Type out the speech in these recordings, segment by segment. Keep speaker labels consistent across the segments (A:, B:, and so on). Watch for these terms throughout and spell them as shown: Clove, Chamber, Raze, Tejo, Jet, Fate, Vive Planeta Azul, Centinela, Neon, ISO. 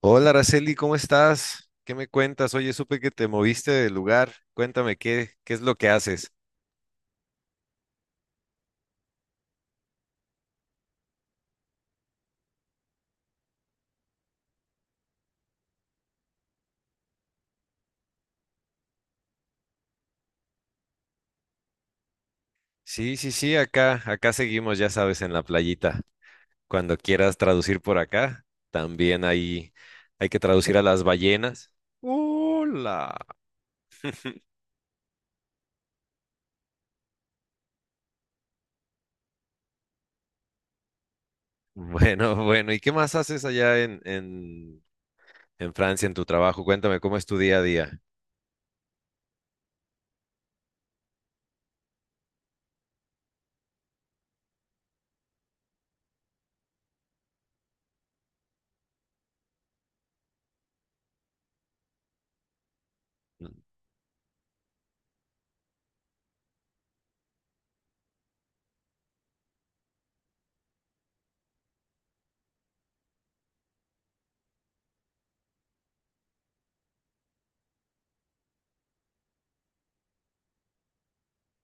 A: Hola, Araceli, ¿cómo estás? ¿Qué me cuentas? Oye, supe que te moviste de lugar. Cuéntame, ¿qué es lo que haces? Sí, sí, sí, acá seguimos, ya sabes, en la playita. Cuando quieras traducir por acá, también ahí hay que traducir a las ballenas. Hola. Bueno, bueno, ¿y qué más haces allá en Francia, en tu trabajo? Cuéntame, ¿cómo es tu día a día?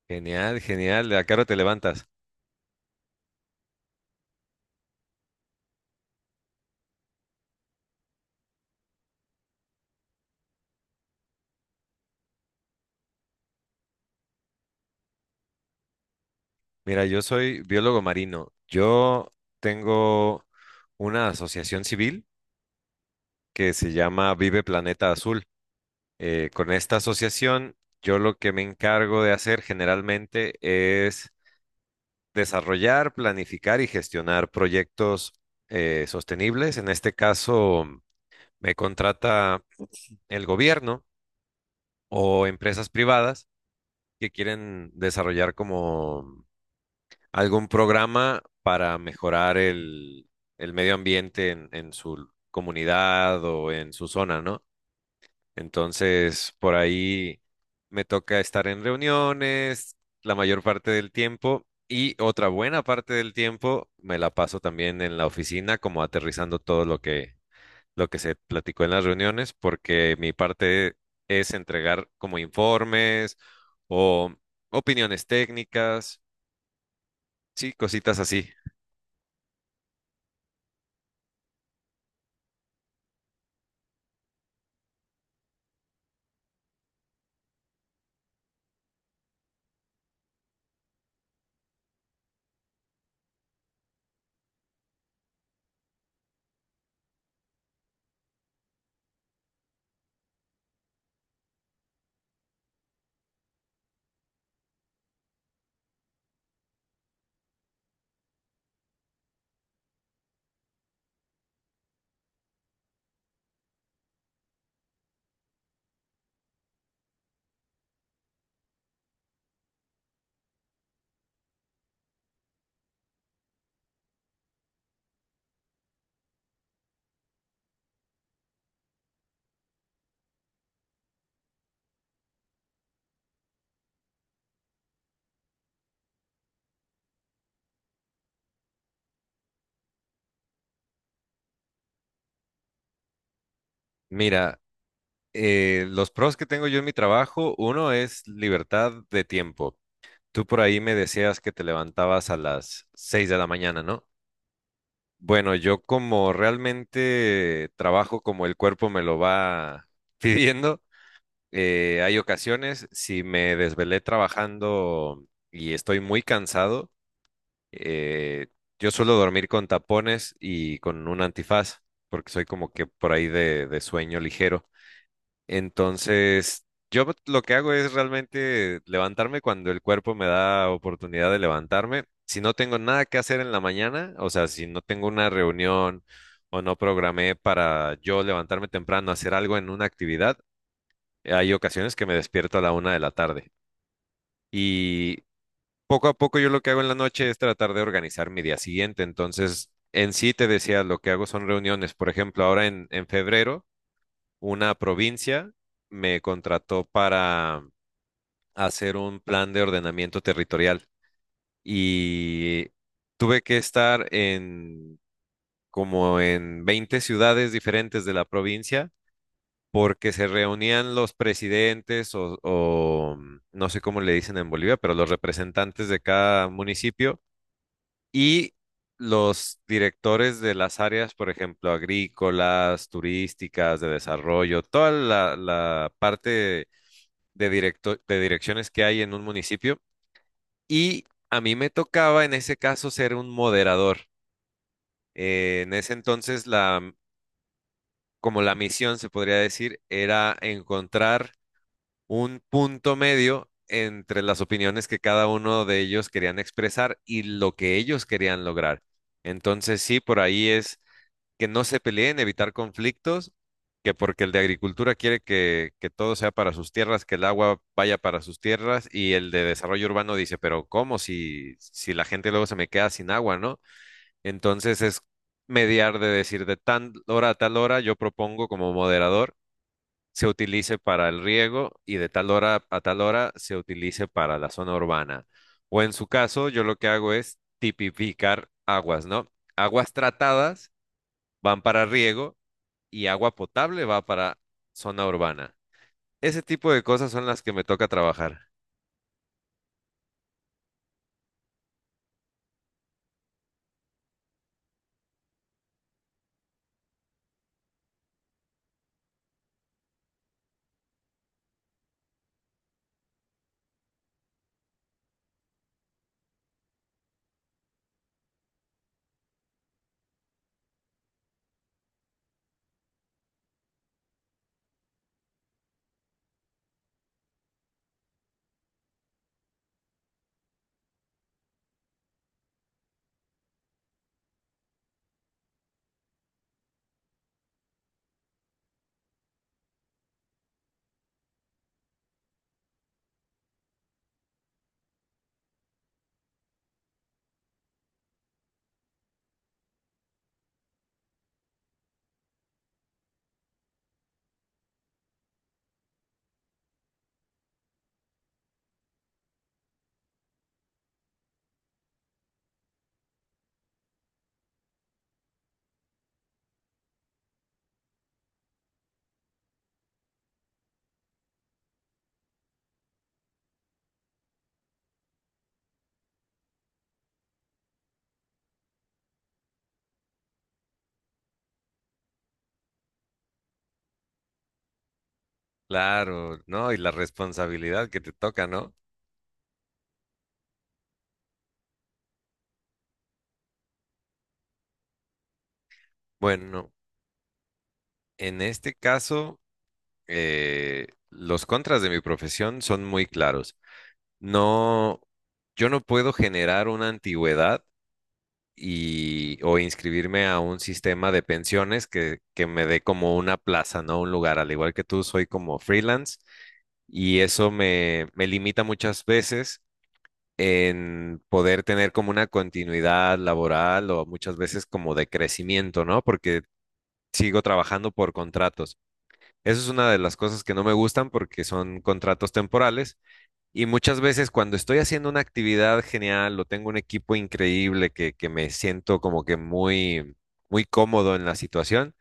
A: Genial, genial. ¿A qué hora te levantas? Mira, yo soy biólogo marino. Yo tengo una asociación civil que se llama Vive Planeta Azul. Con esta asociación, yo lo que me encargo de hacer generalmente es desarrollar, planificar y gestionar proyectos sostenibles. En este caso, me contrata el gobierno o empresas privadas que quieren desarrollar como algún programa para mejorar el medio ambiente en su comunidad o en su zona, ¿no? Entonces, por ahí me toca estar en reuniones la mayor parte del tiempo y otra buena parte del tiempo me la paso también en la oficina, como aterrizando todo lo que se platicó en las reuniones, porque mi parte es entregar como informes o opiniones técnicas, sí, cositas así. Mira, los pros que tengo yo en mi trabajo, uno es libertad de tiempo. Tú por ahí me decías que te levantabas a las 6 de la mañana, ¿no? Bueno, yo como realmente trabajo como el cuerpo me lo va pidiendo, hay ocasiones, si me desvelé trabajando y estoy muy cansado, eh, yo suelo dormir con tapones y con un antifaz, porque soy como que por ahí de sueño ligero. Entonces, yo lo que hago es realmente levantarme cuando el cuerpo me da oportunidad de levantarme. Si no tengo nada que hacer en la mañana, o sea, si no tengo una reunión o no programé para yo levantarme temprano, hacer algo en una actividad, hay ocasiones que me despierto a la 1 de la tarde. Y poco a poco yo lo que hago en la noche es tratar de organizar mi día siguiente. Entonces, en sí te decía, lo que hago son reuniones. Por ejemplo, ahora en febrero una provincia me contrató para hacer un plan de ordenamiento territorial y tuve que estar en como en 20 ciudades diferentes de la provincia porque se reunían los presidentes o no sé cómo le dicen en Bolivia, pero los representantes de cada municipio y los directores de las áreas, por ejemplo, agrícolas, turísticas, de desarrollo, toda la parte de, de direcciones que hay en un municipio y a mí me tocaba en ese caso ser un moderador. En ese entonces la, como la misión se podría decir era encontrar un punto medio entre las opiniones que cada uno de ellos querían expresar y lo que ellos querían lograr. Entonces sí, por ahí es que no se peleen, evitar conflictos, que porque el de agricultura quiere que todo sea para sus tierras, que el agua vaya para sus tierras, y el de desarrollo urbano dice, pero ¿cómo si la gente luego se me queda sin agua, ¿no? Entonces es mediar de decir de tal hora a tal hora, yo propongo como moderador, se utilice para el riego y de tal hora a tal hora se utilice para la zona urbana. O en su caso, yo lo que hago es tipificar aguas, ¿no? Aguas tratadas van para riego y agua potable va para zona urbana. Ese tipo de cosas son las que me toca trabajar. Claro, ¿no? Y la responsabilidad que te toca, ¿no? Bueno, en este caso, los contras de mi profesión son muy claros. No, yo no puedo generar una antigüedad y, o inscribirme a un sistema de pensiones que me dé como una plaza, ¿no? Un lugar. Al igual que tú, soy como freelance y eso me limita muchas veces en poder tener como una continuidad laboral o muchas veces como de crecimiento, ¿no? Porque sigo trabajando por contratos. Eso es una de las cosas que no me gustan porque son contratos temporales y muchas veces cuando estoy haciendo una actividad genial o tengo un equipo increíble que me siento como que muy cómodo en la situación,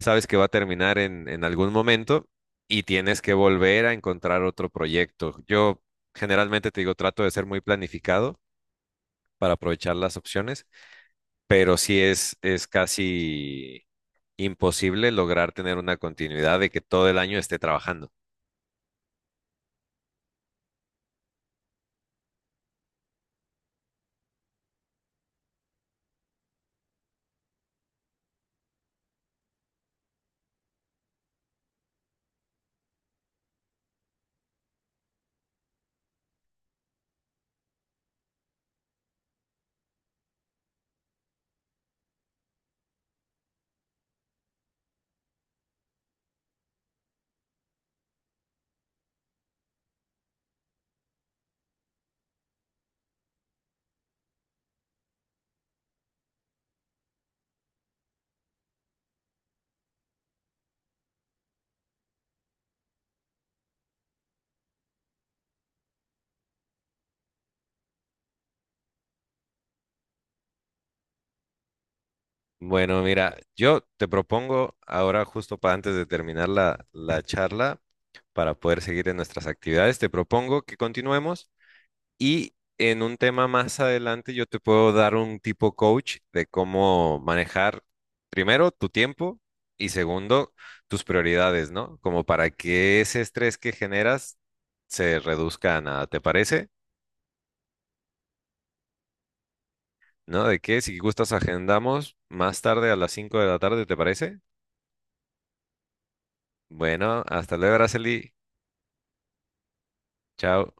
A: sabes que va a terminar en algún momento y tienes que volver a encontrar otro proyecto. Yo generalmente te digo, trato de ser muy planificado para aprovechar las opciones, pero sí es casi imposible lograr tener una continuidad de que todo el año esté trabajando. Bueno, mira, yo te propongo ahora, justo para antes de terminar la charla, para poder seguir en nuestras actividades, te propongo que continuemos. Y en un tema más adelante yo te puedo dar un tipo coach de cómo manejar primero tu tiempo y segundo tus prioridades, ¿no? Como para que ese estrés que generas se reduzca a nada, ¿te parece? ¿No? De que si gustas agendamos más tarde a las 5 de la tarde, ¿te parece? Bueno, hasta luego, Araceli. Chao.